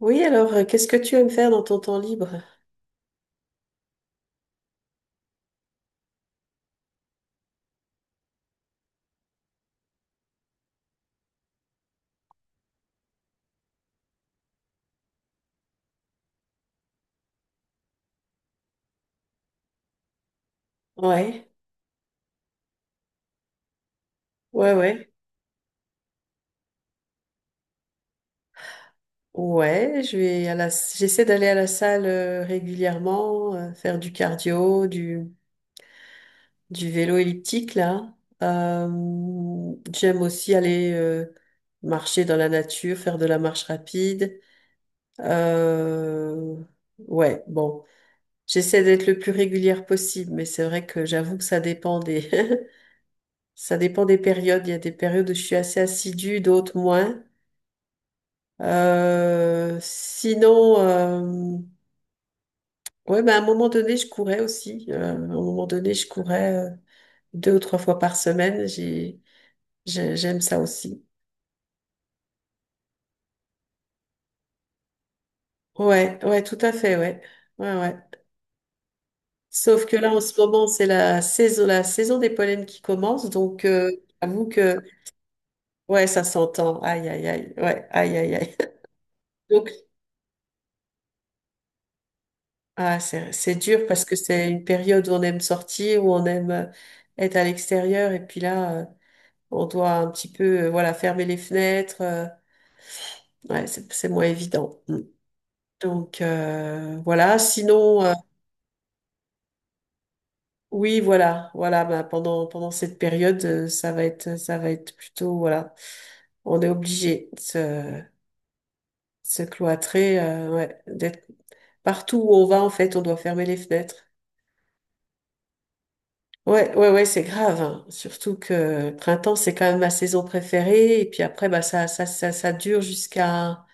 Oui, alors, qu'est-ce que tu aimes faire dans ton temps libre? Ouais, ouais, ouais. Ouais, je vais à la, j'essaie d'aller à la salle régulièrement, faire du cardio, du vélo elliptique, là. Euh, J'aime aussi aller marcher dans la nature, faire de la marche rapide. Euh, ouais, bon. J'essaie d'être le plus régulière possible, mais c'est vrai que j'avoue que ça dépend des périodes. Il y a des périodes où je suis assez assidue, d'autres moins. Sinon, ouais, bah, à un moment donné, je courais aussi. À un moment donné, je courais deux ou trois fois par semaine. J'aime ça aussi. Ouais, ouais, tout à fait, ouais. Ouais, ouais. Sauf que là, en ce moment, c'est la saison des pollens qui commence. Donc, j'avoue que, ouais, ça s'entend. Aïe, aïe, aïe. Ouais, aïe, aïe, aïe. Donc, ah, c'est dur parce que c'est une période où on aime sortir, où on aime être à l'extérieur. Et puis là, on doit un petit peu, voilà, fermer les fenêtres. Ouais, c'est moins évident. Mm. Donc voilà. Oui, voilà, voilà. Bah, pendant cette période, ça va être plutôt voilà. On est obligé de se, se cloîtrer, ouais, d'être partout où on va en fait, on doit fermer les fenêtres. Ouais, ouais, ouais, c'est grave, hein. Surtout que le printemps, c'est quand même ma saison préférée. Et puis après, bah ça dure jusqu'à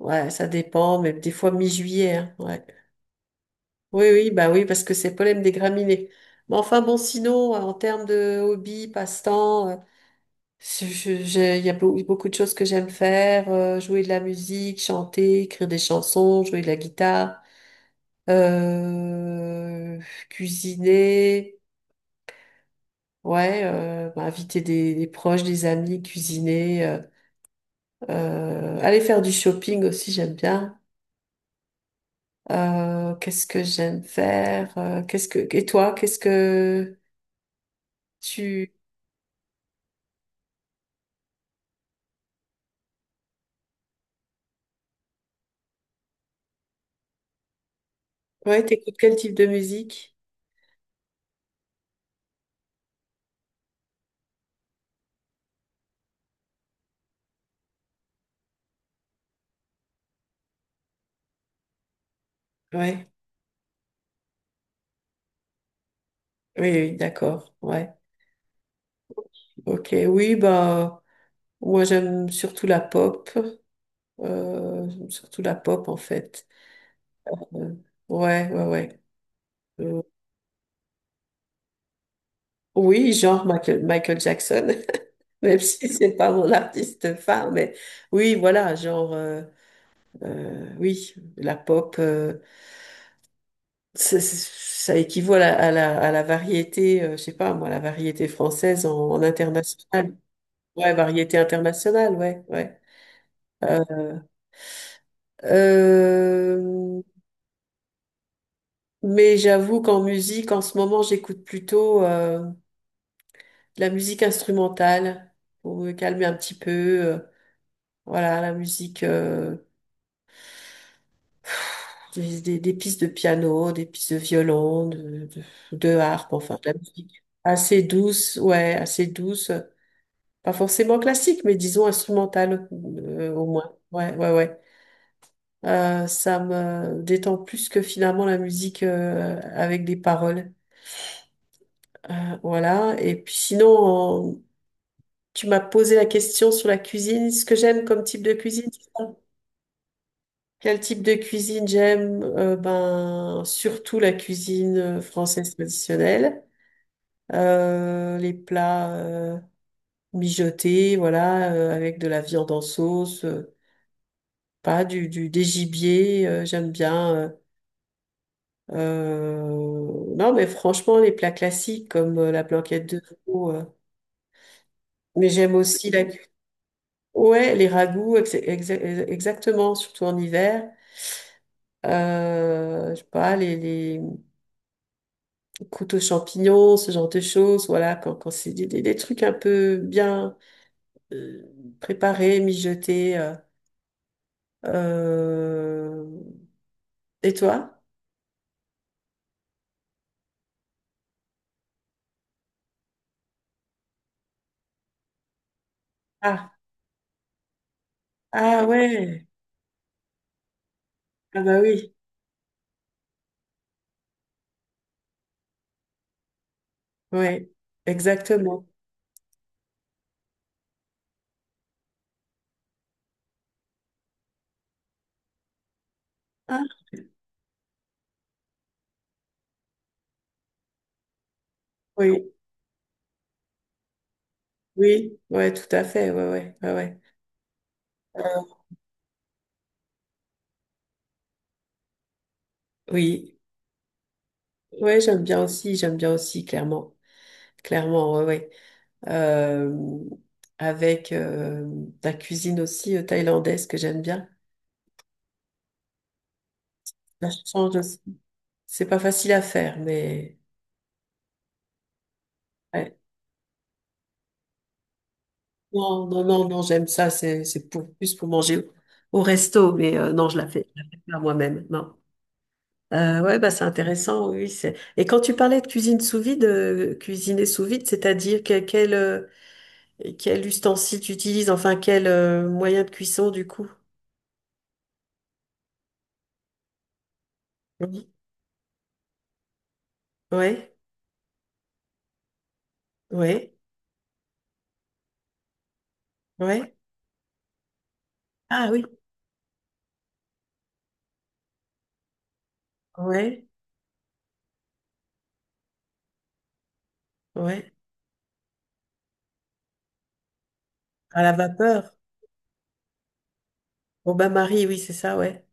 ouais, ça dépend, mais des fois mi-juillet, hein, ouais. Oui, oui, bah oui, parce que c'est le problème des graminées. Mais enfin, bon, sinon, en termes de hobby, passe-temps, il y a beaucoup de choses que j'aime faire, jouer de la musique, chanter, écrire des chansons, jouer de la guitare, euh, cuisiner, ouais, bah, inviter des proches, des amis, cuisiner, aller faire du shopping aussi, j'aime bien. Qu'est-ce que j'aime faire? Qu'est-ce que et toi, qu'est-ce que tu ouais, t'écoutes quel type de musique? Ouais, oui, oui, d'accord. Ouais, ok, oui, bah moi j'aime surtout la pop, j'aime surtout la pop en fait. Euh, ouais, ouais, ouais. Euh, oui, genre Michael Jackson, même si c'est pas mon artiste phare, mais oui, voilà, genre oui, la pop. Ça, ça équivaut à à la variété, je sais pas moi, la variété française en international. Ouais, variété internationale, ouais, ouais. Euh, euh, mais j'avoue qu'en musique, en ce moment, j'écoute plutôt de la musique instrumentale pour me calmer un petit peu. Voilà, la musique, des pistes de piano, des pistes de violon, de harpe, enfin, de la musique assez douce, ouais, assez douce. Pas forcément classique, mais disons instrumentale, au moins. Ouais, ouais, ouais. Ça me détend plus que finalement la musique avec des paroles. Voilà. Et puis sinon, en- tu m'as posé la question sur la cuisine, ce que j'aime comme type de cuisine, c'est ça? Quel type de cuisine j'aime? Ben, surtout la cuisine française traditionnelle. Les plats mijotés, voilà, avec de la viande en sauce. Pas du, du des gibiers, j'aime bien. Non, mais franchement, les plats classiques comme la blanquette de veau. Mais j'aime aussi la, ouais, les ragoûts, exactement, surtout en hiver. Je sais pas, les croûtes aux champignons, ce genre de choses. Voilà, quand c'est des trucs un peu bien euh, préparés, mijotés. Euh, Et toi? Ah, ah ouais. Ah bah oui. Oui, exactement. Ah, oui, oui, ouais, tout à fait, ouais, ouais, ouais, ouais. Euh, oui, ouais, j'aime bien aussi, clairement, clairement, ouais, ouais. Euh, avec la cuisine aussi thaïlandaise que j'aime bien. La change aussi. C'est pas facile à faire, mais ouais. Non, non, non, non, j'aime ça. C'est pour plus pour manger au resto, mais non, je la fais pas moi-même. Non. Ouais, bah, c'est intéressant, oui. c'est- Et quand tu parlais de cuisine sous vide, cuisiner sous vide, c'est-à-dire que- quel, quel ustensile tu utilises, enfin quel moyen de cuisson du coup? Oui. Ouais, ouais, ouais. Ah oui, ouais, ouais. À la vapeur. Au bain-marie, oui, c'est ça, ouais.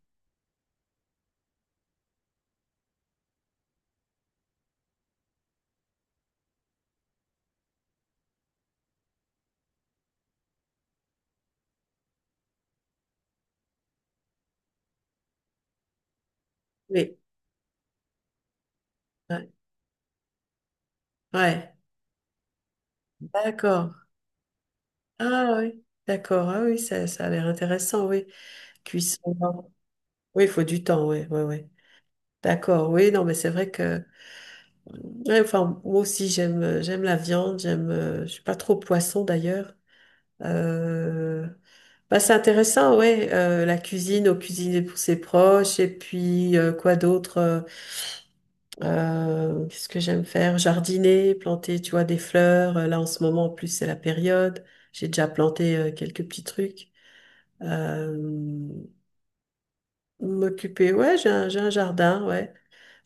Oui, ouais. Ouais. D'accord. Ah oui, d'accord. Ah oui, ça a l'air intéressant, oui. Cuisson. Oui, il faut du temps, oui, oui, oui. D'accord, oui, non, mais c'est vrai que. Ouais, enfin, moi aussi, j'aime, j'aime la viande, j'aime, je suis pas trop poisson d'ailleurs. Euh, bah, c'est intéressant, ouais, la cuisine, au cuisiner pour ses proches, et puis, quoi d'autre, qu'est-ce que j'aime faire? Jardiner, planter, tu vois, des fleurs. Là, en ce moment, en plus, c'est la période. J'ai déjà planté, quelques petits trucs. Euh, m'occuper, ouais, j'ai un jardin, ouais.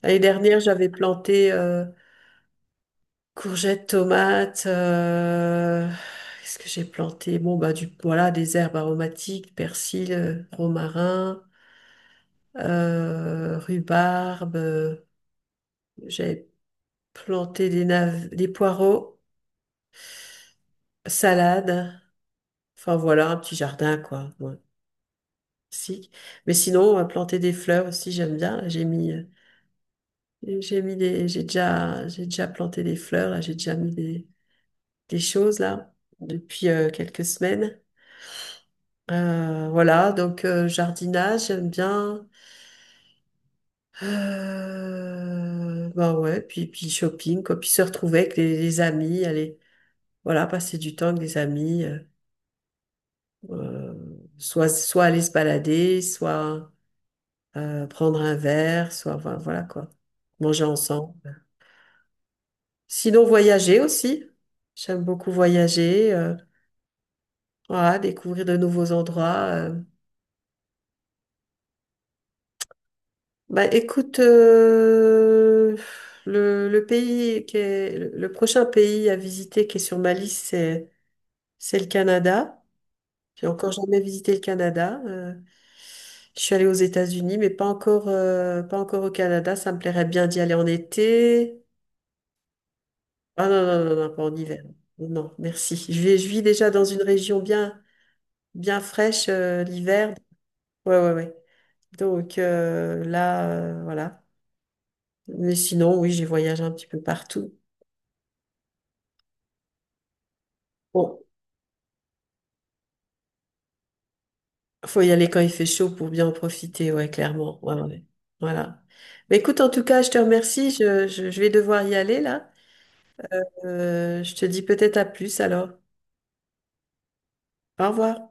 L'année dernière, j'avais planté, courgettes, tomates, qu'est-ce que j'ai planté? Bon, bah, voilà, des herbes aromatiques, persil, romarin, rhubarbe. J'ai planté des poireaux, salade. Enfin, voilà, un petit jardin, quoi. Ouais, si. Mais sinon, on va planter des fleurs aussi, j'aime bien. Là, j'ai mis, j'ai déjà planté des fleurs, là, j'ai déjà mis des choses, là, depuis quelques semaines. Voilà, donc jardinage, j'aime bien. Bah ouais, puis shopping, quoi. Puis se retrouver avec les amis, aller, voilà, passer du temps avec des amis, euh, soit aller se balader, soit prendre un verre, soit voilà, voilà, quoi, manger ensemble. Sinon, voyager aussi. J'aime beaucoup voyager, voilà, découvrir de nouveaux endroits. Bah, écoute, le prochain pays à visiter qui est sur ma liste, c'est le Canada. J'ai encore jamais visité le Canada. Je suis allée aux États-Unis, mais pas encore au Canada. Ça me plairait bien d'y aller en été. Ah non, non, non, non, pas en hiver. Non, merci. Je vis déjà dans une région bien, bien fraîche, l'hiver. Ouais, ouais, ouais. Donc là, voilà. Mais sinon, oui, j'ai voyagé un petit peu partout. Bon, faut y aller quand il fait chaud pour bien en profiter, ouais, clairement. Ouais, ouais. Voilà. Mais écoute, en tout cas, je te remercie. Je vais devoir y aller là. Je te dis peut-être à plus alors. Au revoir.